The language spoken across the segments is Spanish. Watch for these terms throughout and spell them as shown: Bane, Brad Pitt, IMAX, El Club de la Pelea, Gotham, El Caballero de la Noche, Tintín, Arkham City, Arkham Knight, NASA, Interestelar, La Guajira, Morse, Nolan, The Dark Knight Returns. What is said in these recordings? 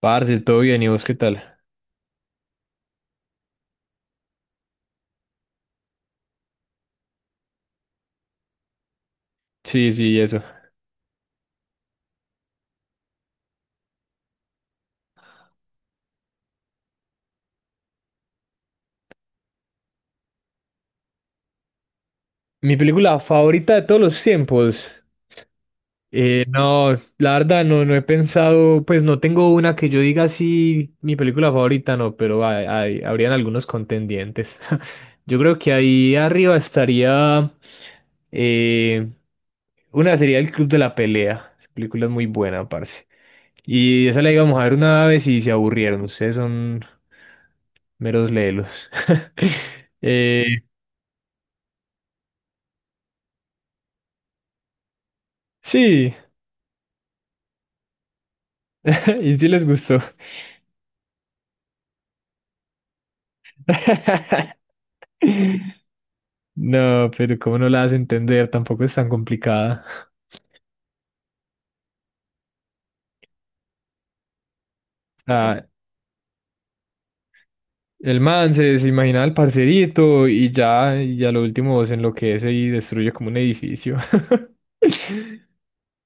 Parce, todo bien, ¿y vos qué tal? Sí, sí, eso. Mi película favorita de todos los tiempos. No, la verdad no he pensado, pues no tengo una que yo diga así, mi película favorita, no, pero habrían algunos contendientes. Yo creo que ahí arriba estaría, eh, una sería El Club de la Pelea. Esa película es muy buena, parce. Y esa la íbamos a ver una vez y se aburrieron. Ustedes son meros lelos. Eh, sí. Y sí les gustó. No, pero cómo no la hace entender, tampoco es tan complicada. O sea, el se imaginaba el parcerito y ya, y a lo último se enloquece y destruye como un edificio.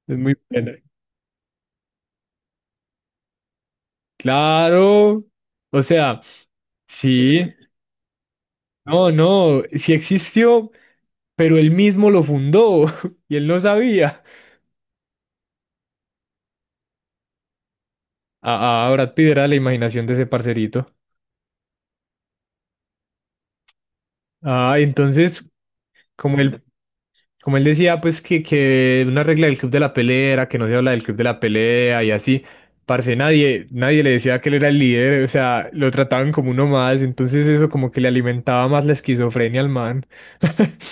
Es muy buena. Claro. O sea, sí. No, no, sí existió, pero él mismo lo fundó y él no sabía. Brad Pitt era la imaginación de ese parcerito. Ah, entonces, como él, como él decía, pues que una regla del club de la pelea era que no se habla del club de la pelea y así, parce, nadie le decía que él era el líder, o sea, lo trataban como uno más, entonces eso como que le alimentaba más la esquizofrenia al man.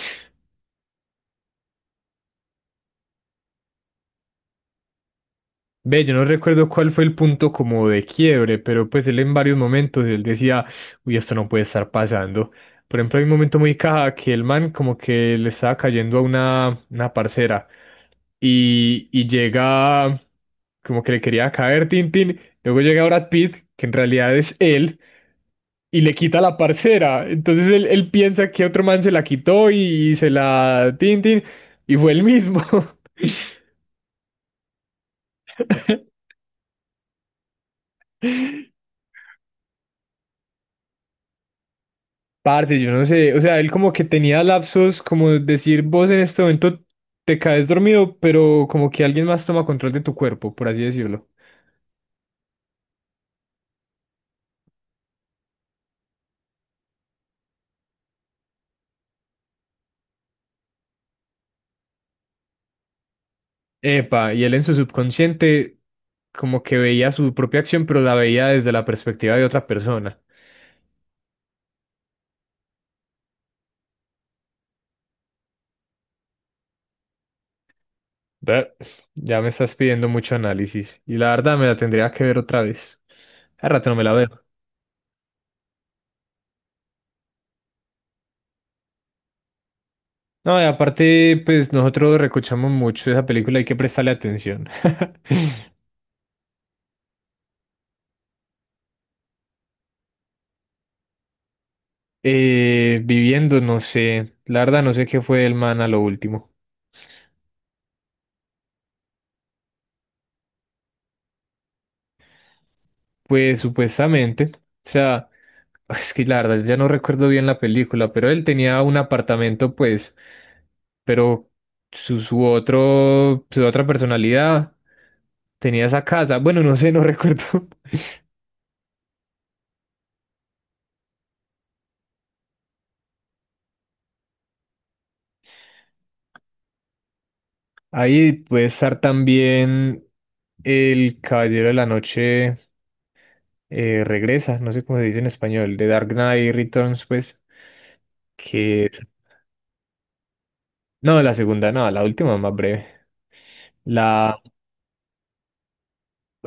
Ve, yo no recuerdo cuál fue el punto como de quiebre, pero pues él en varios momentos él decía, uy, esto no puede estar pasando. Por ejemplo, hay un momento muy caja que el man como que le estaba cayendo a una parcera y llega como que le quería caer Tintín, luego llega Brad Pitt, que en realidad es él, y le quita la parcera. Entonces él piensa que otro man se la quitó y, se la Tintín, y fue él mismo. Parce, yo no sé, o sea, él como que tenía lapsos, como decir, vos en este momento te caes dormido, pero como que alguien más toma control de tu cuerpo, por así decirlo. Epa, y él en su subconsciente como que veía su propia acción, pero la veía desde la perspectiva de otra persona. Ve, ya me estás pidiendo mucho análisis, y la verdad me la tendría que ver otra vez. Hace rato no me la veo. No, y aparte, pues nosotros recochamos mucho esa película, hay que prestarle atención. Viviendo, no sé, la verdad no sé qué fue el man a lo último. Pues supuestamente, o sea, es que la verdad ya no recuerdo bien la película, pero él tenía un apartamento, pues, pero su su otra personalidad tenía esa casa. Bueno, no sé, no recuerdo. Ahí puede estar también El Caballero de la Noche regresa, no sé cómo se dice en español, The Dark Knight Returns, pues, que... es- No, la segunda, no, la última más breve. La...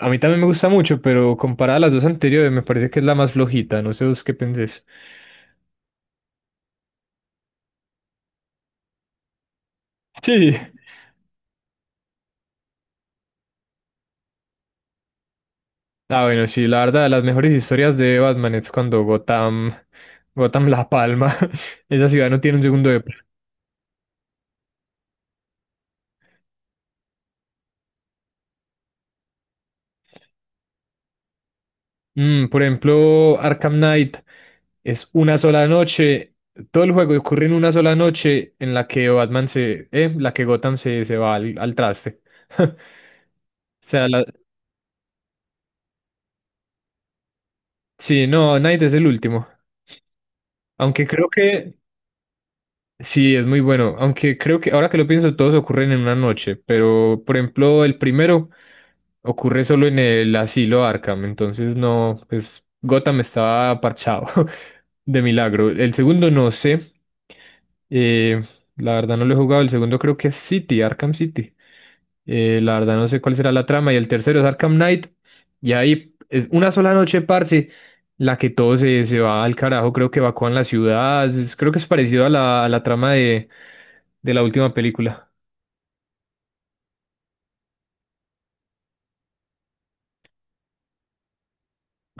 A mí también me gusta mucho, pero comparada a las dos anteriores, me parece que es la más flojita, no sé vos qué pensés. Sí. Ah, bueno, sí, la verdad, las mejores historias de Batman es cuando Gotham La Palma, esa ciudad no tiene un segundo de... Mm, por ejemplo, Arkham Knight es una sola noche. Todo el juego ocurre en una sola noche en la que Gotham se va al traste. O sea, la- sí, no, Knight es el último. Aunque creo que sí, es muy bueno, aunque creo que ahora que lo pienso todos ocurren en una noche, pero por ejemplo el primero ocurre solo en el asilo Arkham, entonces no, pues Gotham estaba parchado de milagro. El segundo no sé, eh, la verdad no lo he jugado, el segundo creo que es City, Arkham City. La verdad no sé cuál será la trama y el tercero es Arkham Knight y ahí es una sola noche, parce, la que todo se va al carajo, creo que evacúan la ciudad, es- creo que es parecido a a la trama de la última película.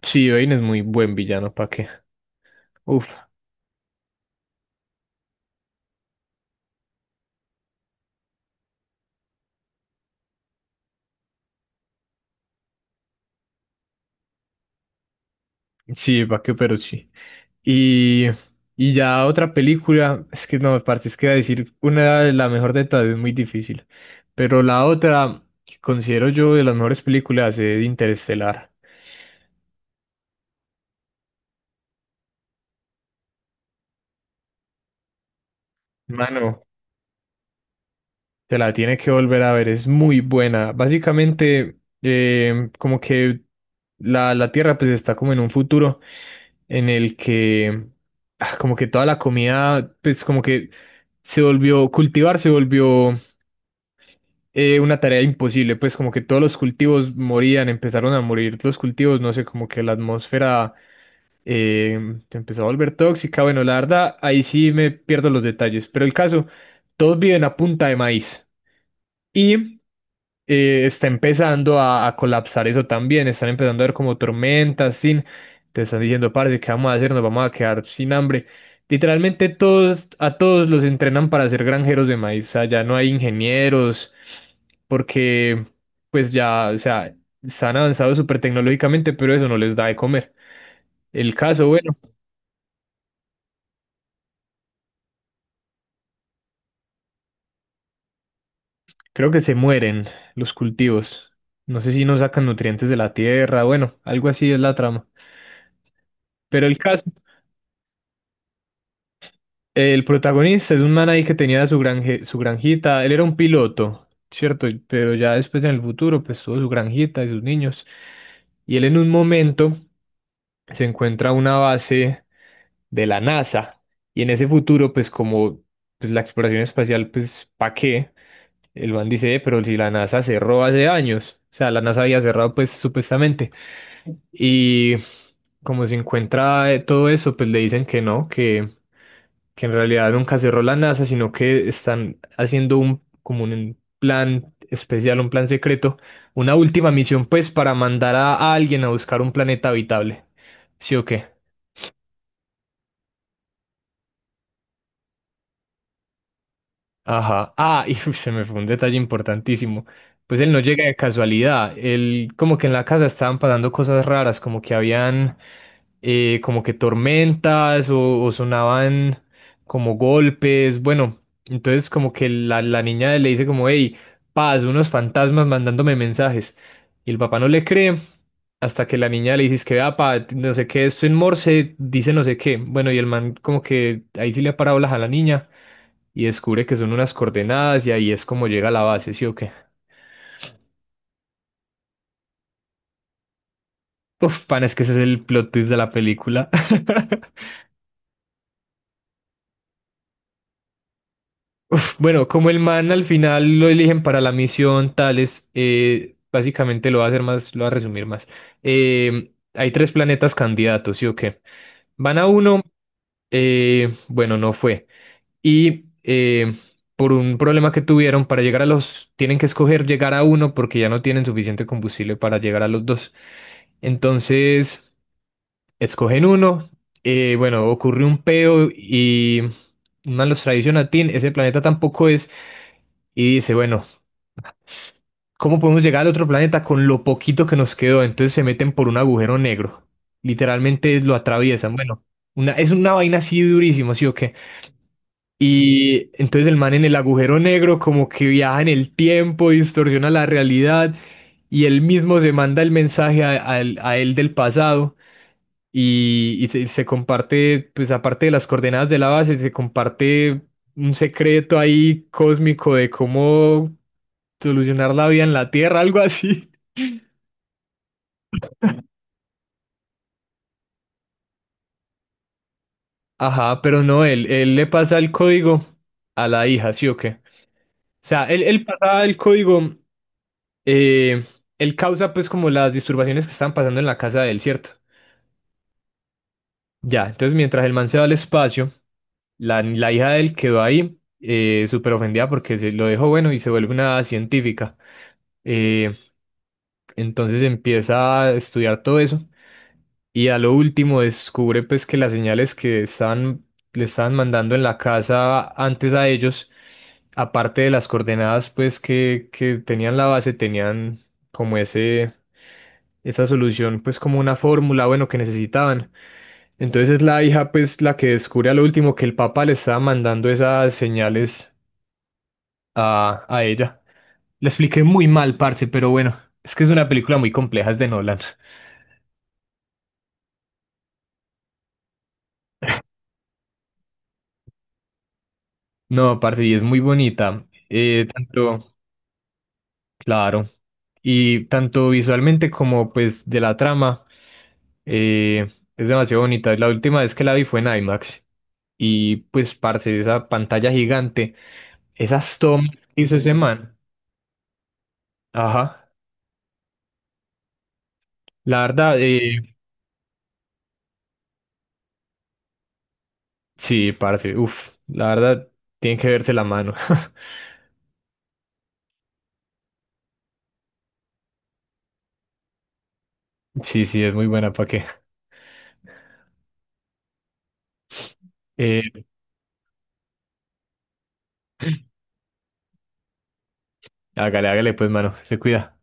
Sí, Bane es muy buen villano, ¿pa qué? Uf, sí, ¿pa qué? Pero sí. Y, y ya otra película, es que no, parce, es que decir una de la mejor de todas es muy difícil, pero la otra que considero yo de las mejores películas es Interestelar. Mano, te la tienes que volver a ver, es muy buena. Básicamente, como que la Tierra pues está como en un futuro en el que ah, como que toda la comida pues como que se volvió, cultivar se volvió una tarea imposible, pues como que todos los cultivos morían, empezaron a morir los cultivos, no sé, como que la atmósfera se empezó a volver tóxica. Bueno, la verdad, ahí sí me pierdo los detalles, pero el caso, todos viven a punta de maíz. Y está empezando a colapsar eso también, están empezando a ver como tormentas, sin, te están diciendo, parce, ¿qué vamos a hacer? Nos vamos a quedar sin hambre. Literalmente todos, a todos los entrenan para ser granjeros de maíz, o sea, ya no hay ingenieros, porque pues ya, o sea, están avanzados súper tecnológicamente, pero eso no les da de comer. El caso, bueno, creo que se mueren los cultivos. No sé si no sacan nutrientes de la tierra, bueno, algo así es la trama. Pero el caso... El protagonista es un man ahí que tenía su su granjita. Él era un piloto, ¿cierto? Y- pero ya después en el futuro, pues tuvo su granjita y sus niños. Y él en un momento se encuentra una base de la NASA. Y en ese futuro, pues como pues, la exploración espacial, pues ¿pa' qué? El man dice, pero si la NASA cerró hace años". O sea, la NASA había cerrado, pues supuestamente. Y como se encuentra todo eso, pues le dicen que no, que en realidad nunca cerró la NASA, sino que están haciendo como un plan especial, un plan secreto, una última misión pues para mandar a alguien a buscar un planeta habitable. ¿Sí o qué? Ajá. Ah, y se me fue un detalle importantísimo. Pues él no llega de casualidad. Él como que en la casa estaban pasando cosas raras, como que habían como que tormentas o sonaban como golpes, bueno, entonces como que la niña le dice como, hey, paz, unos fantasmas mandándome mensajes. Y el papá no le cree hasta que la niña le dice es que, "Ah, pa, no sé qué, esto en Morse dice no sé qué". Bueno, y el man como que ahí sí le ha parado a la niña y descubre que son unas coordenadas y ahí es como llega a la base, ¿sí o qué? Uf, pan, es que ese es el plot twist de la película. Uf, bueno, como el man al final lo eligen para la misión tales, básicamente lo va a hacer más, lo va a resumir más. Hay tres planetas candidatos, ¿sí o qué? Van a uno, bueno, no fue. Y por un problema que tuvieron para llegar a los, tienen que escoger llegar a uno porque ya no tienen suficiente combustible para llegar a los dos. Entonces, escogen uno, bueno, ocurre un peo y... Más los traiciona a Tin, ese planeta tampoco es, y dice, bueno, ¿cómo podemos llegar al otro planeta con lo poquito que nos quedó? Entonces se meten por un agujero negro. Literalmente lo atraviesan. Bueno, es una vaina así durísima, ¿sí o qué? Y entonces el man en el agujero negro como que viaja en el tiempo, distorsiona la realidad y él mismo se manda el mensaje a él del pasado y se comparte, pues aparte de las coordenadas de la base, se comparte un secreto ahí cósmico de cómo solucionar la vida en la Tierra, algo así. Ajá, pero no, él le pasa el código a la hija, ¿sí o qué? O sea, él pasa el código, eh, él causa pues como las disturbaciones que estaban pasando en la casa de él, ¿cierto? Ya, entonces mientras el man se va al espacio, la hija de él quedó ahí, súper ofendida porque se lo dejó bueno y se vuelve una científica. Eh, entonces empieza a estudiar todo eso y a lo último descubre pues que las señales que estaban, le estaban mandando en la casa antes a ellos aparte de las coordenadas pues que tenían la base, tenían como esa solución pues como una fórmula, bueno, que necesitaban. Entonces es la hija pues la que descubre a lo último que el papá le estaba mandando esas señales a ella. Le expliqué muy mal, parce, pero bueno, es que es una película muy compleja, es de Nolan. No, parce, y es muy bonita. Tanto, claro, y tanto visualmente como pues de la trama, eh, es demasiado bonita. La última vez que la vi fue en IMAX. Y pues, parce, esa pantalla gigante, esas tomas que hizo ese man. Ajá. La verdad, sí, parce, uff, la verdad, tiene que verse la mano. Sí, sí, es muy buena, ¿para qué? Eh, hágale, hágale, pues, mano, se cuida.